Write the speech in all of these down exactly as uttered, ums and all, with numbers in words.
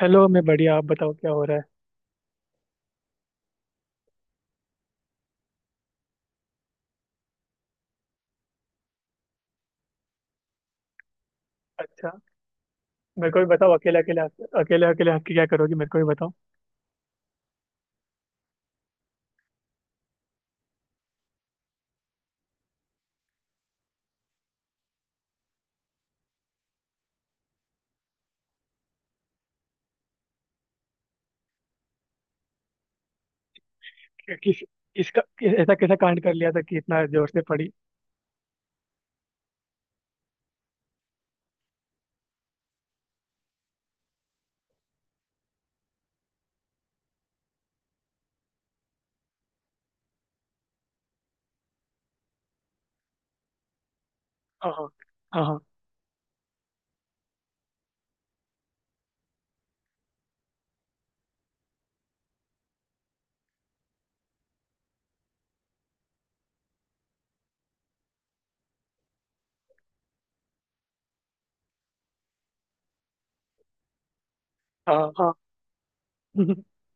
Hello. मैं बढ़िया। आप बताओ क्या हो रहा है। अच्छा। मेरे को भी बताओ अकेले अकेले। अकेले अकेले हंस के क्या करोगी? मेरे को भी बताओ। कि, किस इसका कि, ऐसा कैसा कांड कर लिया था कि इतना जोर से पड़ी। हाँ, हाँ, हाँ, हाँ, हाँ, हाँ।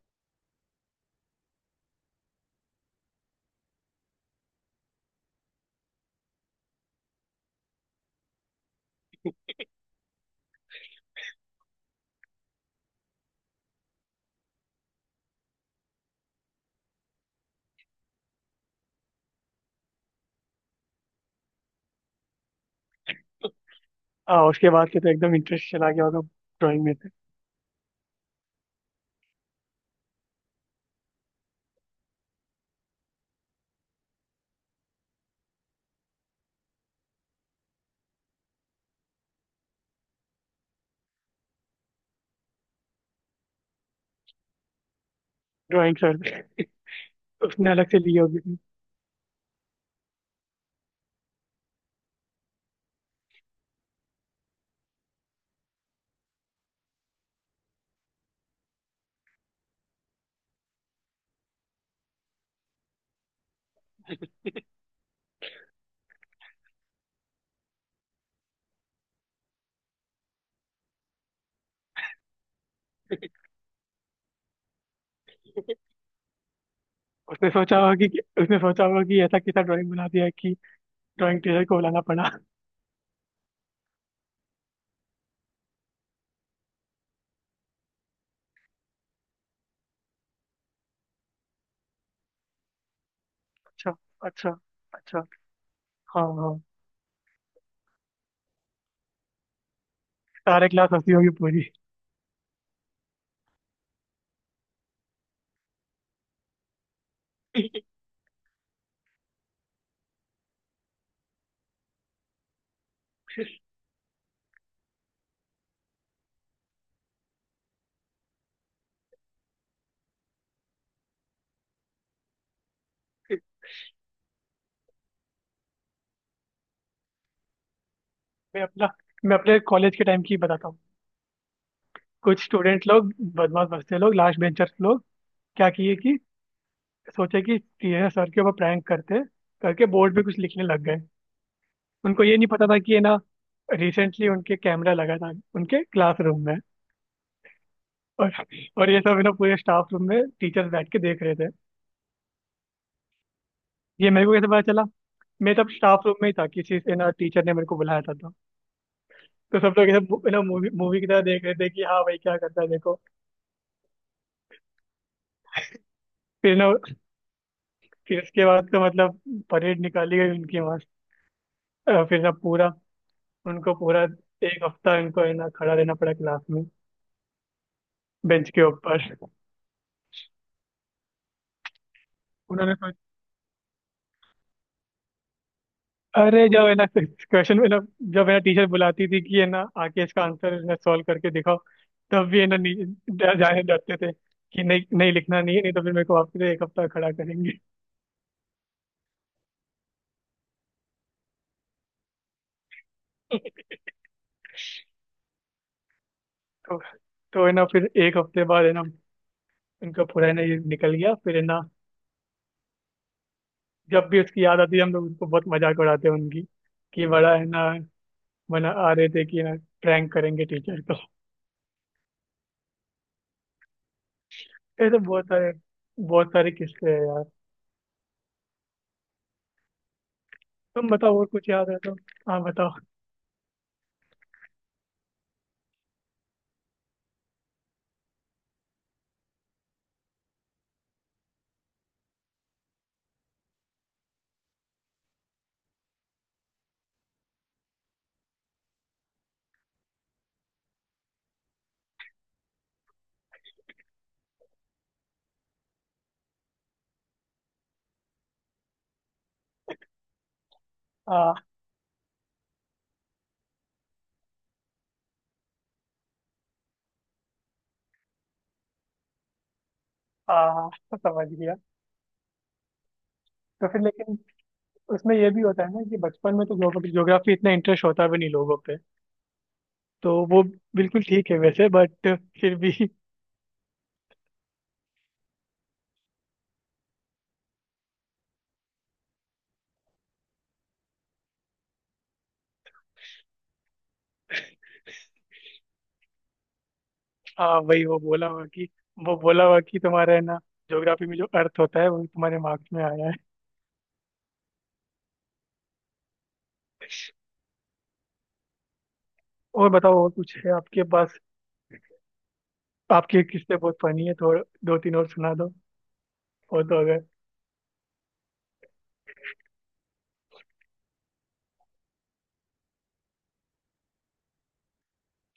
हाँ, उसके बाद से तो एकदम इंटरेस्ट चला गया होगा ड्राइंग में से। ड्राइंग सर से। उसने अलग से ली होगी अपनी। उसने सोचा होगा कि उसने सोचा होगा कि ऐसा कैसा ड्राइंग बना दिया कि ड्राइंग टीचर को बुलाना पड़ा। अच्छा, अच्छा, अच्छा। हाँ, हाँ। सारे क्लास हंसी होगी पूरी। मैं अपना मैं अपने कॉलेज के टाइम की बताता हूँ। कुछ स्टूडेंट लोग, बदमाश बच्चे लोग, लास्ट बेंचर्स लोग, क्या किए कि सोचे कि टीचर सर के ऊपर प्रैंक करते करके बोर्ड पे कुछ लिखने लग गए। उनको ये नहीं पता था कि ये ना, रिसेंटली उनके कैमरा लगा था उनके क्लासरूम में। और और ये सब है ना, पूरे स्टाफ रूम में टीचर्स बैठ के देख रहे थे। ये मेरे को कैसे पता चला? मैं तब स्टाफ रूम में ही था, किसी से ना टीचर ने मेरे को बुलाया था तो। तो सब लोग ऐसे मु- है ना मूवी मूवी की तरह देख रहे थे कि हाँ भाई क्या करता है देखो। फिर ना फिर उसके बाद तो मतलब परेड निकाली गई उनकी मस्त। अ, फिर ना पूरा उनको पूरा एक हफ्ता इनको है ना खड़ा रहना पड़ा क्लास में, बेंच के ऊपर। उन्होंने सोच अरे, जब है ना क्वेश्चन में ना, जब है ना टीचर बुलाती थी कि है ना आके इसका आंसर है ना सॉल्व करके दिखाओ, तब भी है ना नी- डर- जाने डरते थे कि नहीं नहीं लिखना नहीं है, नहीं तो फिर मेरे को वापस से एक हफ्ता खड़ा करेंगे। तो तो है ना फिर एक हफ्ते बाद है ना उनका पूरा है ना ये निकल गया फिर है ना। जब भी उसकी याद आती है हम लोग उसको बहुत मजाक उड़ाते हैं उनकी, कि बड़ा है ना मना आ रहे थे कि ना प्रैंक करेंगे टीचर को। ऐसे बहुत सारे, बहुत सारे किस्से हैं यार। तुम बताओ और कुछ याद है तो। हाँ, बताओ। आ, आ, समझ गया। तो फिर लेकिन उसमें ये भी होता है ना कि बचपन में तो ज्योग्राफी इतना इंटरेस्ट होता भी नहीं लोगों पे, तो वो बिल्कुल ठीक है वैसे, बट फिर भी। हाँ वही, वो बोला हुआ कि वो बोला हुआ कि तुम्हारे ना ज्योग्राफी में जो अर्थ होता है वो तुम्हारे मार्क्स में आया है। और बताओ, और कुछ है आपके पास? आपके किस्से बहुत फनी है तो दो तीन और सुना दो। और तो अगर।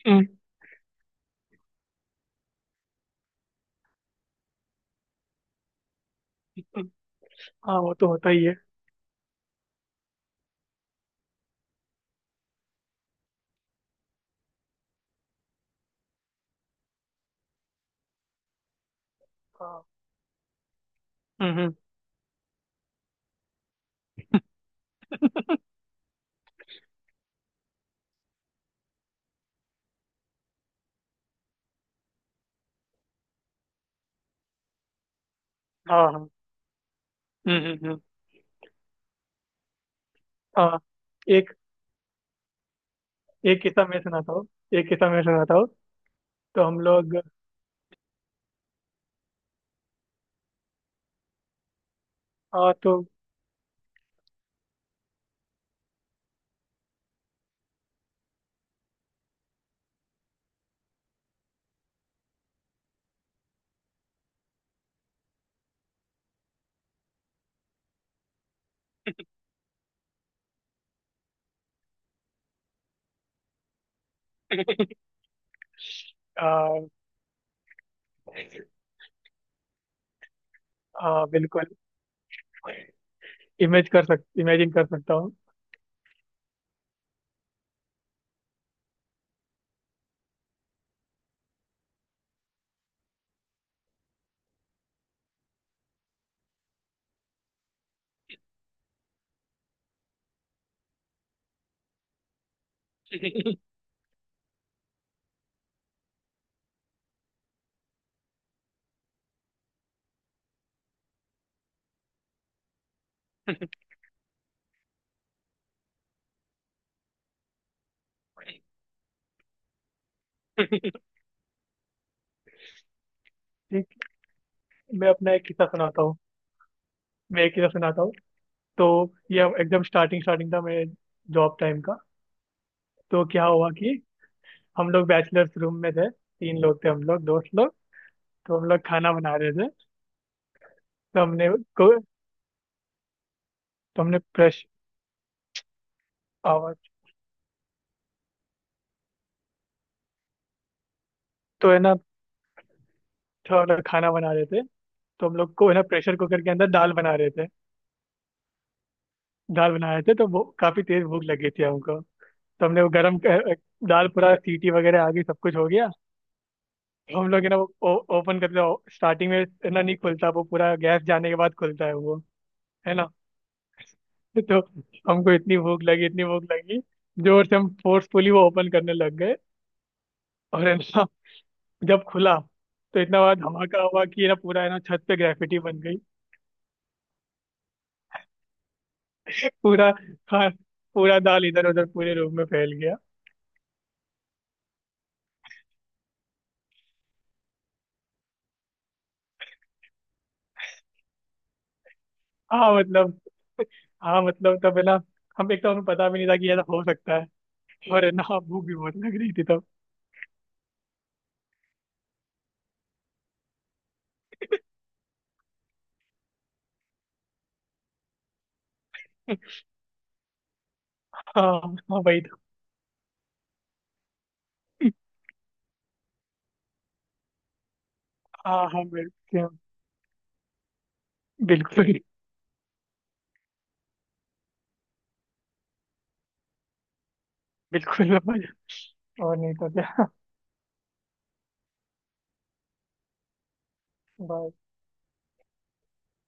हम्म। हम्म। हाँ वो तो होता ही है। हाँ। हम्म, हम्म। हाँ, हाँ। हम्म, हम्म, हम्म। हाँ। एक एक किस्सा मैं सुनाता हूँ। एक किस्सा मैं सुनाता हूँ। तो हम लोग। हाँ तो। आ, आ, बिल्कुल। इमेज कर सक इमेजिन कर सकता हूँ। ठीक। मैं अपना एक किस्सा सुनाता हूँ मैं एक किस्सा सुनाता हूँ। तो ये एकदम स्टार्टिंग स्टार्टिंग था मेरे जॉब टाइम का। तो क्या हुआ कि हम लोग बैचलर्स रूम में थे, तीन लोग थे हम लोग, दोस्त लोग। तो हम लोग खाना बना रहे थे। तो हमने तो हमने प्रेश आवाज। तो है ना थोड़ा खाना बना रहे थे। तो हम लोग को है ना प्रेशर कुकर के अंदर दाल बना रहे थे। दाल बना रहे थे तो वो काफी तेज भूख लगी थी हमको। तो हमने वो गरम क- दाल, पूरा सीटी वगैरह आ गई, सब कुछ हो गया। तो हम लोग है ना वो ओपन करते हो, स्टार्टिंग में है ना नहीं खुलता, वो पूरा गैस जाने के बाद खुलता है वो। है ना। तो हमको इतनी भूख लगी, इतनी भूख लगी, जोर से हम फोर्सफुली वो ओपन करने लग गए। और है ना जब खुला तो इतना बड़ा धमाका हुआ कि है ना पूरा है ना छत पे ग्रेफिटी बन गई। पूरा। खा पूरा दाल इधर उधर पूरे रूम में फैल गया। हाँ मतलब। हाँ मतलब तब है ना हम एक तो हमें पता भी नहीं था कि ऐसा हो सकता है, और है ना भूख भी बहुत लग रही थी तब। हाँ हाँ, वही तो। हाँ हाँ, बिल्कुल, बिल्कुल, बिल्कुल। और नहीं तो क्या।